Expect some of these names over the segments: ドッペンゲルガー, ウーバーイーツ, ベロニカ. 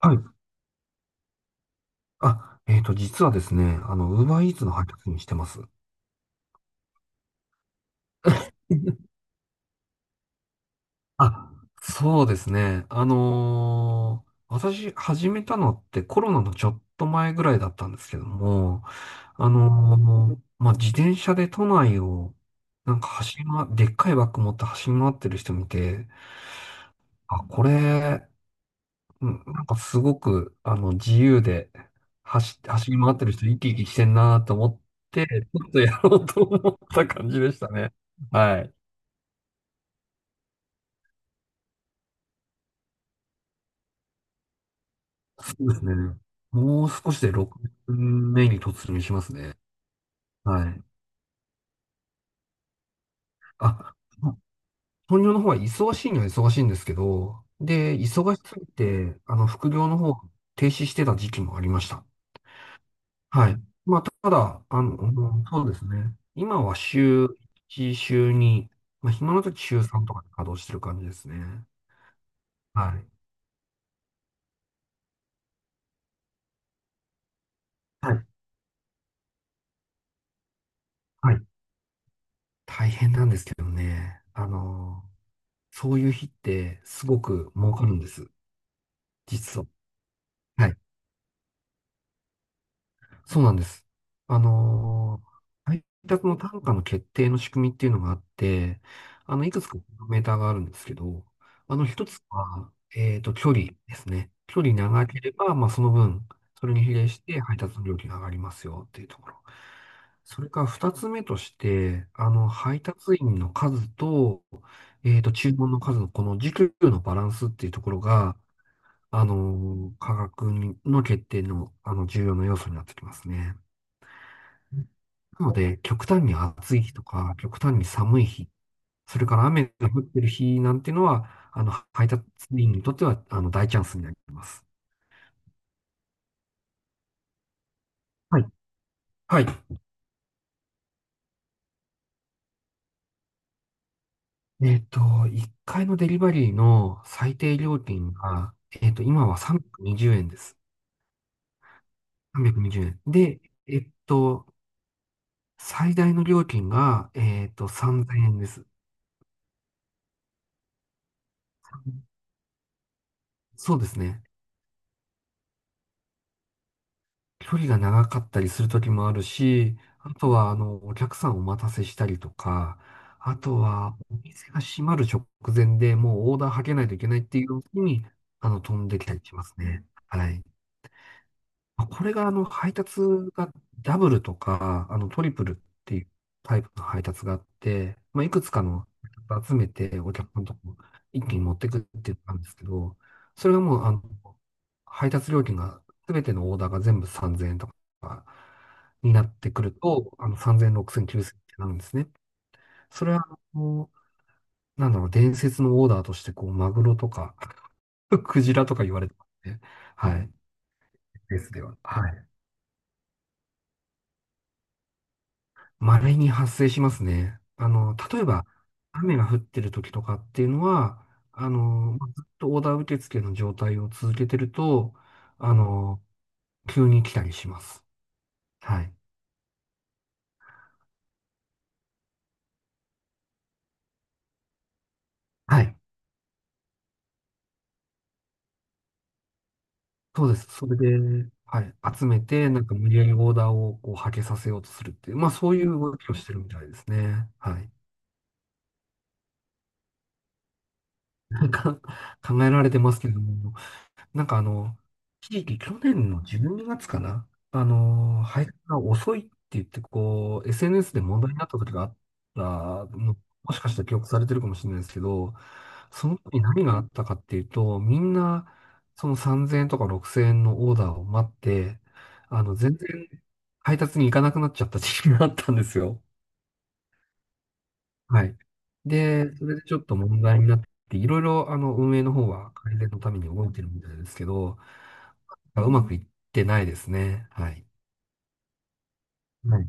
はい。あ、えっと、実はですね、あの、ウーバーイーツの配達員してます。あ、そうですね。私始めたのってコロナのちょっと前ぐらいだったんですけども、まあ、自転車で都内を、なんか走りま、でっかいバッグ持って走り回ってる人見て、あ、これ、うん、なんかすごく、自由で、走り回ってる人、生き生きしてんなと思って、ちょっとやろうと思った感じでしたね。はい。そうですね。もう少しで6分目に突入しますね。はい。あ、本業の方は忙しいには忙しいんですけど、で、忙しすぎて、副業の方を停止してた時期もありました。はい。ただ、そうですね。今は週1、週2、まあ、暇の時週3とかで稼働してる感じですね。はい。はい。はい。大変なんですけどね。そういう日ってすごく儲かるんです。実は。はい。そうなんです。あのー配達の単価の決定の仕組みっていうのがあって、いくつかメーターがあるんですけど、一つは、距離ですね。距離長ければ、まあ、その分、それに比例して配達の料金が上がりますよっていうところ。それから二つ目として、配達員の数と、注文の数のこの時給のバランスっていうところが、価格にの決定の、重要な要素になってきますね。なので、極端に暑い日とか、極端に寒い日、それから雨が降ってる日なんていうのは、配達員にとっては、大チャンスになります。はい。はい。えっと、1回のデリバリーの最低料金が、今は320円です。320円。で、えっと、最大の料金が、3000円です。そうですね。距離が長かったりする時もあるし、あとは、お客さんをお待たせしたりとか、あとは、お店が閉まる直前でもうオーダーはけないといけないっていう時に、飛んできたりしますね。はい。これが配達がダブルとか、トリプルっていうタイプの配達があって、まあ、いくつかの配達集めてお客さんのとこ一気に持ってくっていうのなんですけど、それがもう配達料金が全てのオーダーが全部3000円とかになってくると、3000、6000、9000ってなるんですね。それはなんだろう、伝説のオーダーとしてこうマグロとか クジラとか言われてますね。はい。ですでは。はい。稀に発生しますね。例えば、雨が降ってる時とかっていうのは、ずっとオーダー受付の状態を続けてると、あの、急に来たりします。はい。はい。そうです。それで、はい。集めて、なんか無理やりオーダーをこう、はけさせようとするっていう、まあそういう動きをしてるみたいですね。はい。なんか考えられてますけども、なんか一時期去年の12月かな、配達が遅いって言って、こう、SNS で問題になった時があった。もしかしたら記憶されてるかもしれないですけど、その時何があったかっていうと、みんな、その3000円とか6000円のオーダーを待って、全然配達に行かなくなっちゃった時期があったんですよ。はい。で、それでちょっと問題になって、いろいろ運営の方は改善のために動いてるみたいですけど、うまくいってないですね。はい。はい。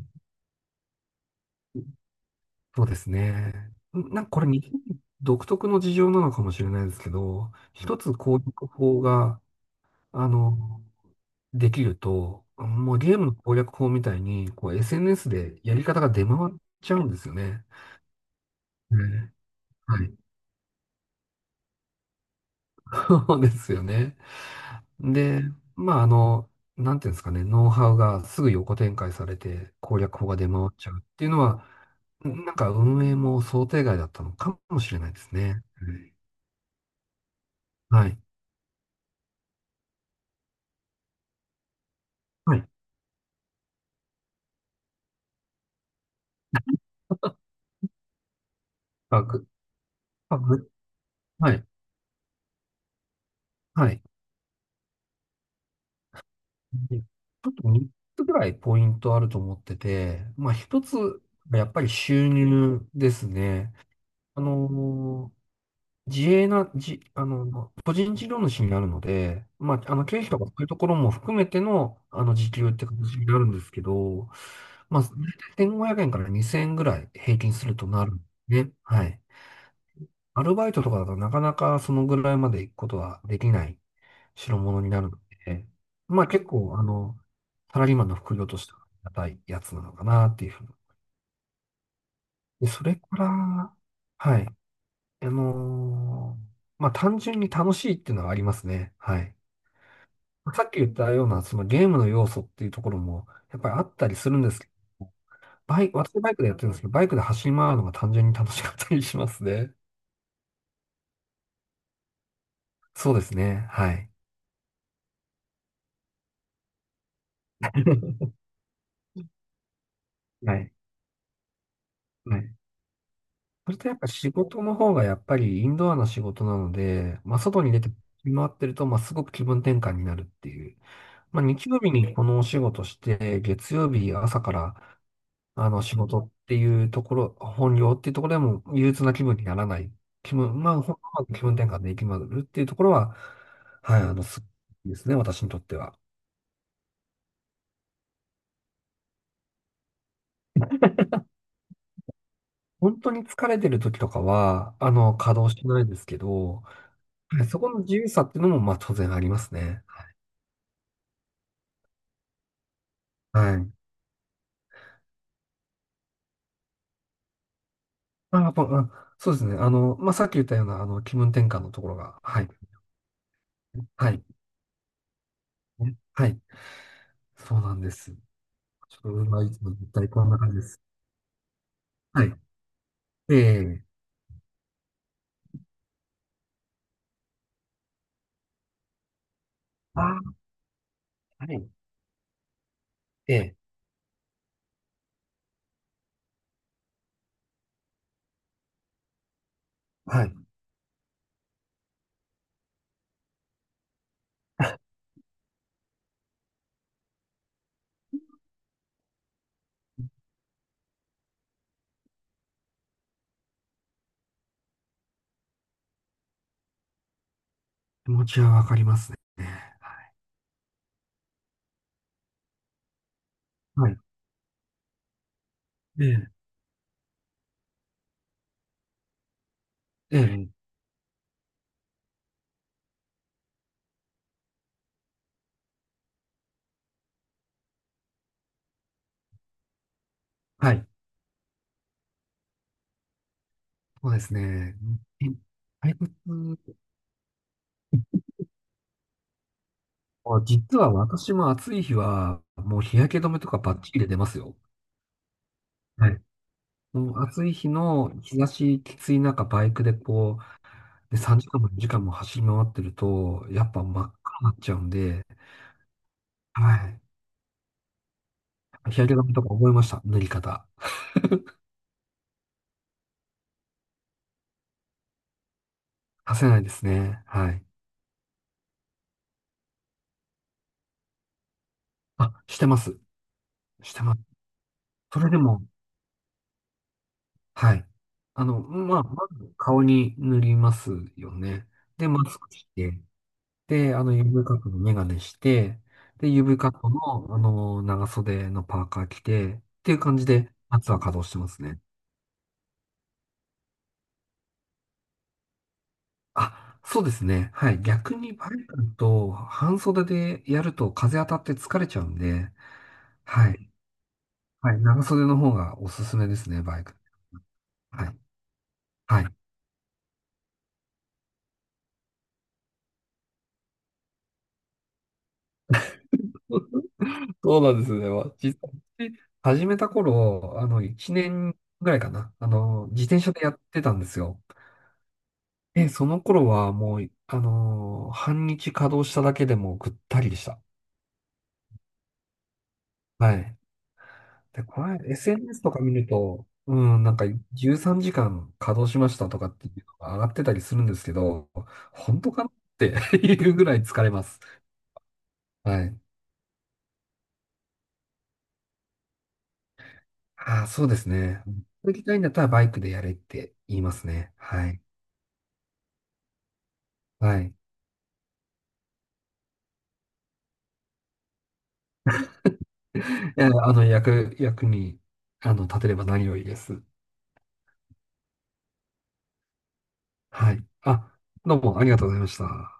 そうですね。なんかこれ日本独特の事情なのかもしれないですけど、一つ攻略法が、あの、できると、もうゲームの攻略法みたいに、こう SNS でやり方が出回っちゃうんですよね。ね。はい。そうですよね。で、まあ、なんていうんですかね、ノウハウがすぐ横展開されて攻略法が出回っちゃうっていうのは、なんか運営も想定外だったのかもしれないですね。はい。はい。あ、ぐ、あ、ぐ、はい。はい。で、ちょっと3つぐらいポイントあると思ってて、まあ一つ、やっぱり収入ですね。あの自営な、じ、あの、個人事業主になるので、まあ、経費とかそういうところも含めての、時給って形になるんですけど、まあ、1500円から2000円ぐらい平均するとなるんですね。はい。アルバイトとかだとなかなかそのぐらいまで行くことはできない代物になるので、まあ結構、サラリーマンの副業としてはありがたいやつなのかなっていうふうに。で、それから、はい。あのーまあ、単純に楽しいっていうのはありますね。はい。さっき言ったような、そのゲームの要素っていうところも、やっぱりあったりするんですけど、バイク、私バイクでやってるんですけど、バイクで走り回るのが単純に楽しかったりしますね。そうですね。はい。はい。はい。それとやっぱ仕事の方がやっぱりインドアな仕事なので、まあ、外に出て回ってると、まあ、すごく気分転換になるっていう。まあ、日曜日にこのお仕事して、月曜日朝から仕事っていうところ、本業っていうところでも憂鬱な気分にならない。気分、まあ、ほんうまく気分転換できまくるっていうところは、はい、すごいですね、私にとっては。本当に疲れてる時とかは、稼働してないですけど、はい。そこの自由さっていうのも、まあ、当然ありますね。はい。まあ、やっぱあ、そうですね。まあ、さっき言ったような、気分転換のところが、はい。はい。はい。そうなんです。ちょっと、まあ、いつも絶対こんな感じです。はい。ええ、あはい、ええ、はい。あ気持ちはわかりますね。はい。はい。ええ、ええ、はい。そうですね。え退屈、実は私も暑い日は、もう日焼け止めとかバッチリで出ますよ。はい。もう暑い日の日差しきつい中、バイクでこう、で3時間も2時間も走り回ってると、やっぱ真っ赤になっちゃうんで、はい。日焼け止めとか覚えました。塗り方。させないですね。はい。あ、してます。してます。それでも、はい。まあ、まず顔に塗りますよね。で、マスクして、で、UV カットのメガネして、で、UV カットの、長袖のパーカー着て、っていう感じで、夏は稼働してますね。あ、そうですね。はい。逆にバイクと半袖でやると風当たって疲れちゃうんで、はい。はい。長袖の方がおすすめですね、バイク。はい。はい。そうなんですね。まあ、実際、始めた頃、1年ぐらいかな。自転車でやってたんですよ。で、その頃はもう、半日稼働しただけでもぐったりでした。はい。で、これ、SNS とか見ると、うん、なんか13時間稼働しましたとかっていうのが上がってたりするんですけど、本当かなって いうぐらい疲れます。はい。ああ、そうですね。行きたいんだったらバイクでやれって言いますね。はい。はい。えあの、役、役に、あの、立てれば何よりです。はい。どうもありがとうございました。